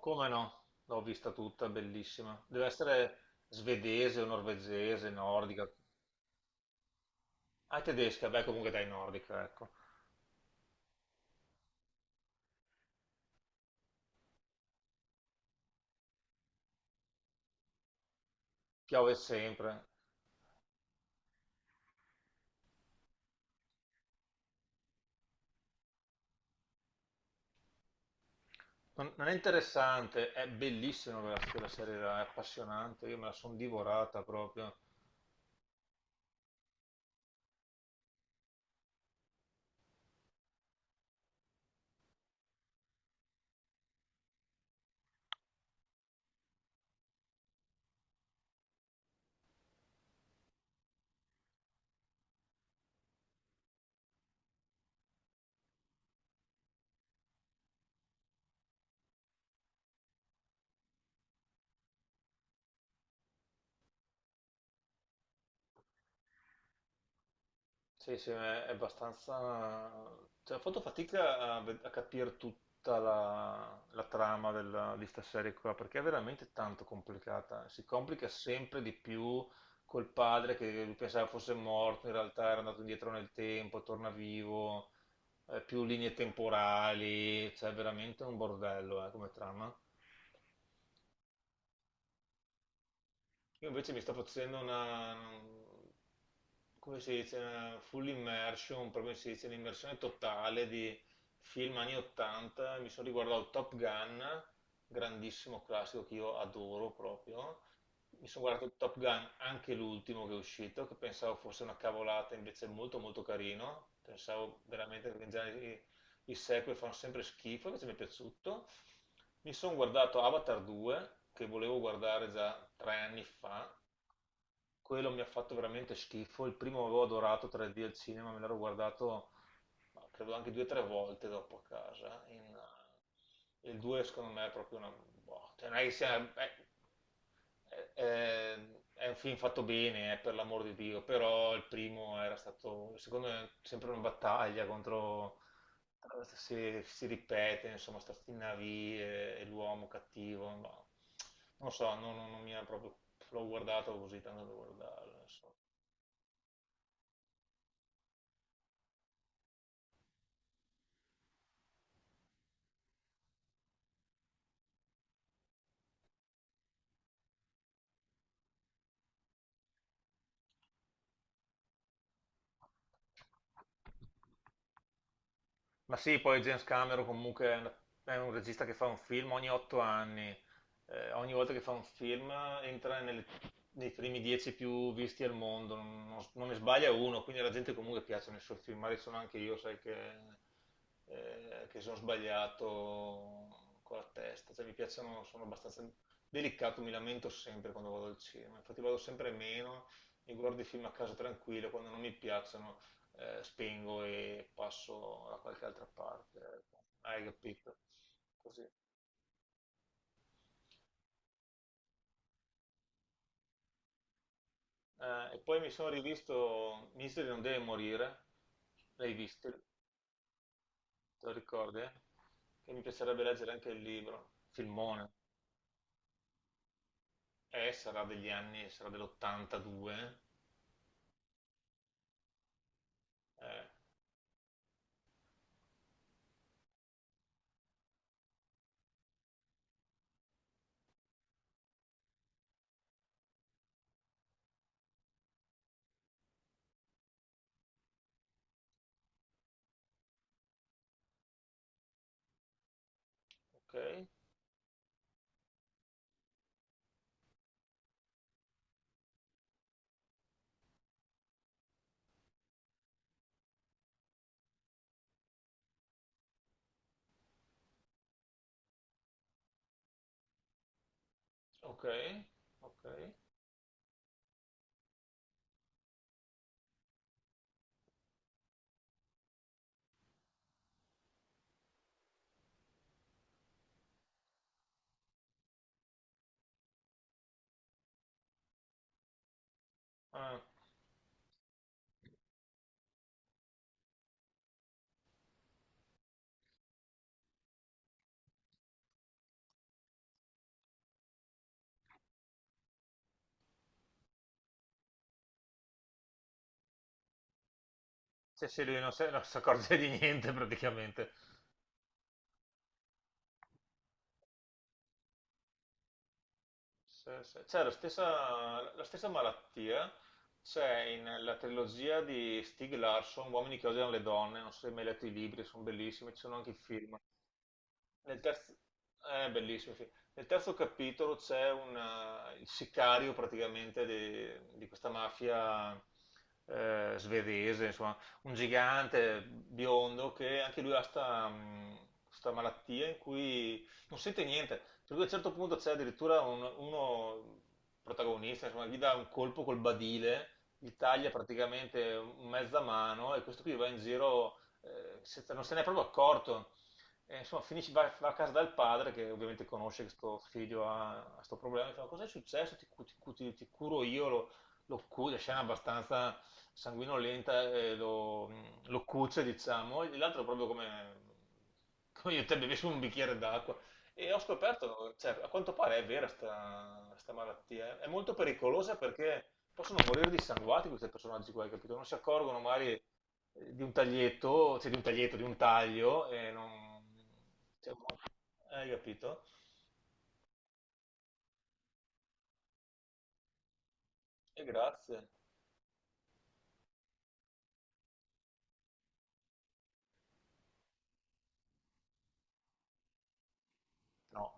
Come no? L'ho vista tutta, bellissima. Deve essere svedese o norvegese, nordica. Ah, è tedesca, beh, comunque dai, nordica, ecco. Piove sempre. Non, non è interessante, è bellissima quella serie là, è appassionante. Io me la sono divorata proprio. Sì, sì, è abbastanza... Cioè, ho fatto fatica a, a capire tutta la trama della, di sta serie qua, perché è veramente tanto complicata. Si complica sempre di più col padre che lui pensava fosse morto, in realtà era andato indietro nel tempo, torna vivo, più linee temporali, cioè è veramente un bordello, come trama. Io invece mi sto facendo una, come si dice, una full immersion, proprio si dice, un'immersione totale di film anni 80. Mi sono riguardato Top Gun, grandissimo classico che io adoro proprio. Mi sono guardato Top Gun, anche l'ultimo che è uscito, che pensavo fosse una cavolata, invece è molto molto carino. Pensavo veramente che i sequel fanno sempre schifo, invece mi è piaciuto. Mi sono guardato Avatar 2, che volevo guardare già tre anni fa. Quello mi ha fatto veramente schifo. Il primo avevo adorato 3D al cinema, me l'ero guardato ma credo anche due o tre volte dopo a casa. Il 2 secondo me è proprio una... boh, cioè non è che sia... è un film fatto bene, per l'amor di Dio, però il primo era stato, secondo me, sempre una battaglia contro si, si ripete, insomma, sta stinavie e l'uomo cattivo, ma non lo so, non mi ha proprio, l'ho guardato così tanto da guardarlo, insomma. Ma sì, poi James Cameron comunque è un regista che fa un film ogni 8 anni. Ogni volta che fa un film entra nelle- nei primi 10 più visti al mondo, non ne sbaglia uno, quindi alla gente comunque piacciono i suoi film. Magari sono anche io, sai, che sono sbagliato con la testa. Cioè, mi piacciono, sono abbastanza delicato, mi lamento sempre quando vado al cinema. Infatti vado sempre meno, mi guardo i film a casa tranquillo, quando non mi piacciono spengo e passo da qualche altra parte. Ecco. Hai capito? Così. E poi mi sono rivisto Misery non deve morire. L'hai visto? Te lo ricordi, eh? Che mi piacerebbe leggere anche il libro. Filmone. Sarà degli anni, sarà dell'82. Eh, ok, ok, ok. Ah, cioè, se lui non, non si accorge di niente praticamente. Sì, sì. C'è la stessa malattia, c'è nella trilogia di Stieg Larsson, Uomini che odiano le donne, non so se hai mai letto i libri, sono bellissimi, ci sono anche i film. Nel terzo, è bellissimo, sì. Nel terzo capitolo il sicario praticamente di questa mafia svedese, insomma, un gigante biondo che anche lui ha sta, sta malattia in cui non sente niente. Per cui a un certo punto c'è addirittura uno protagonista, insomma, gli dà un colpo col badile, gli taglia praticamente mezza mano e questo qui va in giro non se n'è proprio accorto. E, insomma, finisce, va, va a casa dal padre, che ovviamente conosce che sto figlio ha questo problema, e fa, cos'è successo? Ti, ti curo io, lo, la scena è abbastanza sanguinolenta, lo, lo cuce, diciamo, e l'altro proprio come, come io e te bevessimo un bicchiere d'acqua. E ho scoperto, cioè, a quanto pare è vera questa malattia, è molto pericolosa perché possono morire dissanguati questi personaggi qua, hai capito? Non si accorgono magari di un taglietto, cioè di un taglietto, di un taglio, e non... cioè, mo- hai capito? E grazie. No.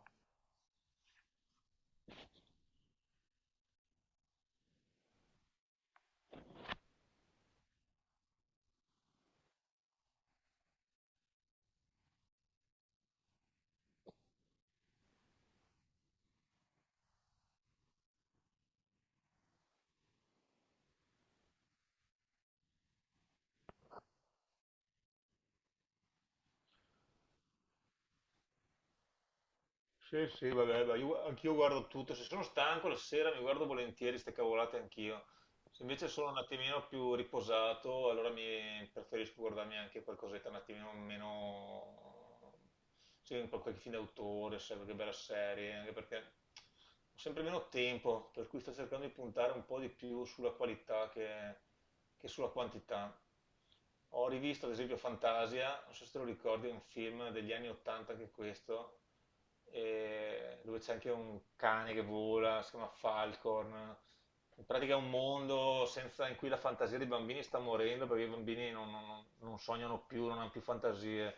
Sì, sì, vabbè, anch'io guardo tutto, se sono stanco la sera mi guardo volentieri ste cavolate anch'io. Se invece sono un attimino più riposato, allora mi preferisco guardarmi anche qualcosetta un attimino meno, sì, un po' qualche film d'autore, sai, qualche bella serie, anche perché ho sempre meno tempo, per cui sto cercando di puntare un po' di più sulla qualità che sulla quantità. Ho rivisto ad esempio Fantasia, non so se te lo ricordi, è un film degli anni 80 anche questo, dove c'è anche un cane che vola, si chiama Falcorn, in pratica è un mondo in cui la fantasia dei bambini sta morendo perché i bambini non sognano più, non hanno più fantasie.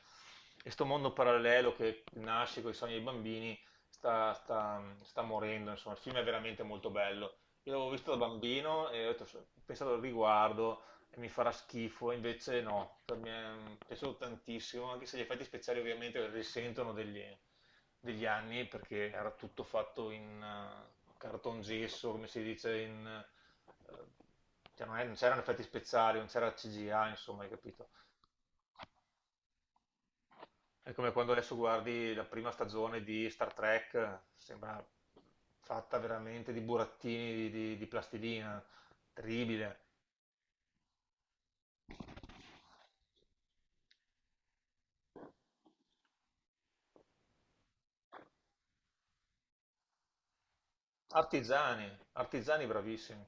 E sto mondo parallelo che nasce con i sogni dei bambini sta morendo. Insomma, il film è veramente molto bello. Io l'avevo visto da bambino e ho detto, "Ho pensato al riguardo e mi farà schifo", invece no, per me è piaciuto tantissimo, anche se gli effetti speciali ovviamente risentono degli, degli anni perché era tutto fatto in, cartongesso, come si dice in... eh, cioè non, non c'erano effetti speciali, non c'era CGI, insomma, hai capito? È come quando adesso guardi la prima stagione di Star Trek, sembra fatta veramente di burattini di, di plastilina, terribile. Artigiani, artigiani bravissimi.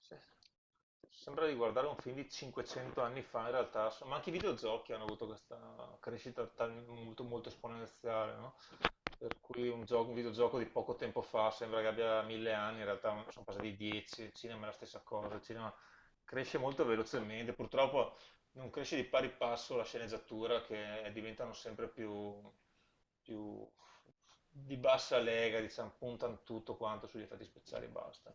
Sì. Sembra di guardare un film di 500 anni fa, in realtà, ma anche i videogiochi hanno avuto questa crescita molto, molto esponenziale, no? Per cui un videogioco di poco tempo fa sembra che abbia 1000 anni, in realtà sono passati 10, il cinema è la stessa cosa, il cinema cresce molto velocemente, purtroppo non cresce di pari passo la sceneggiatura che diventano sempre più, più di bassa lega, diciamo, puntano tutto quanto sugli effetti speciali e basta.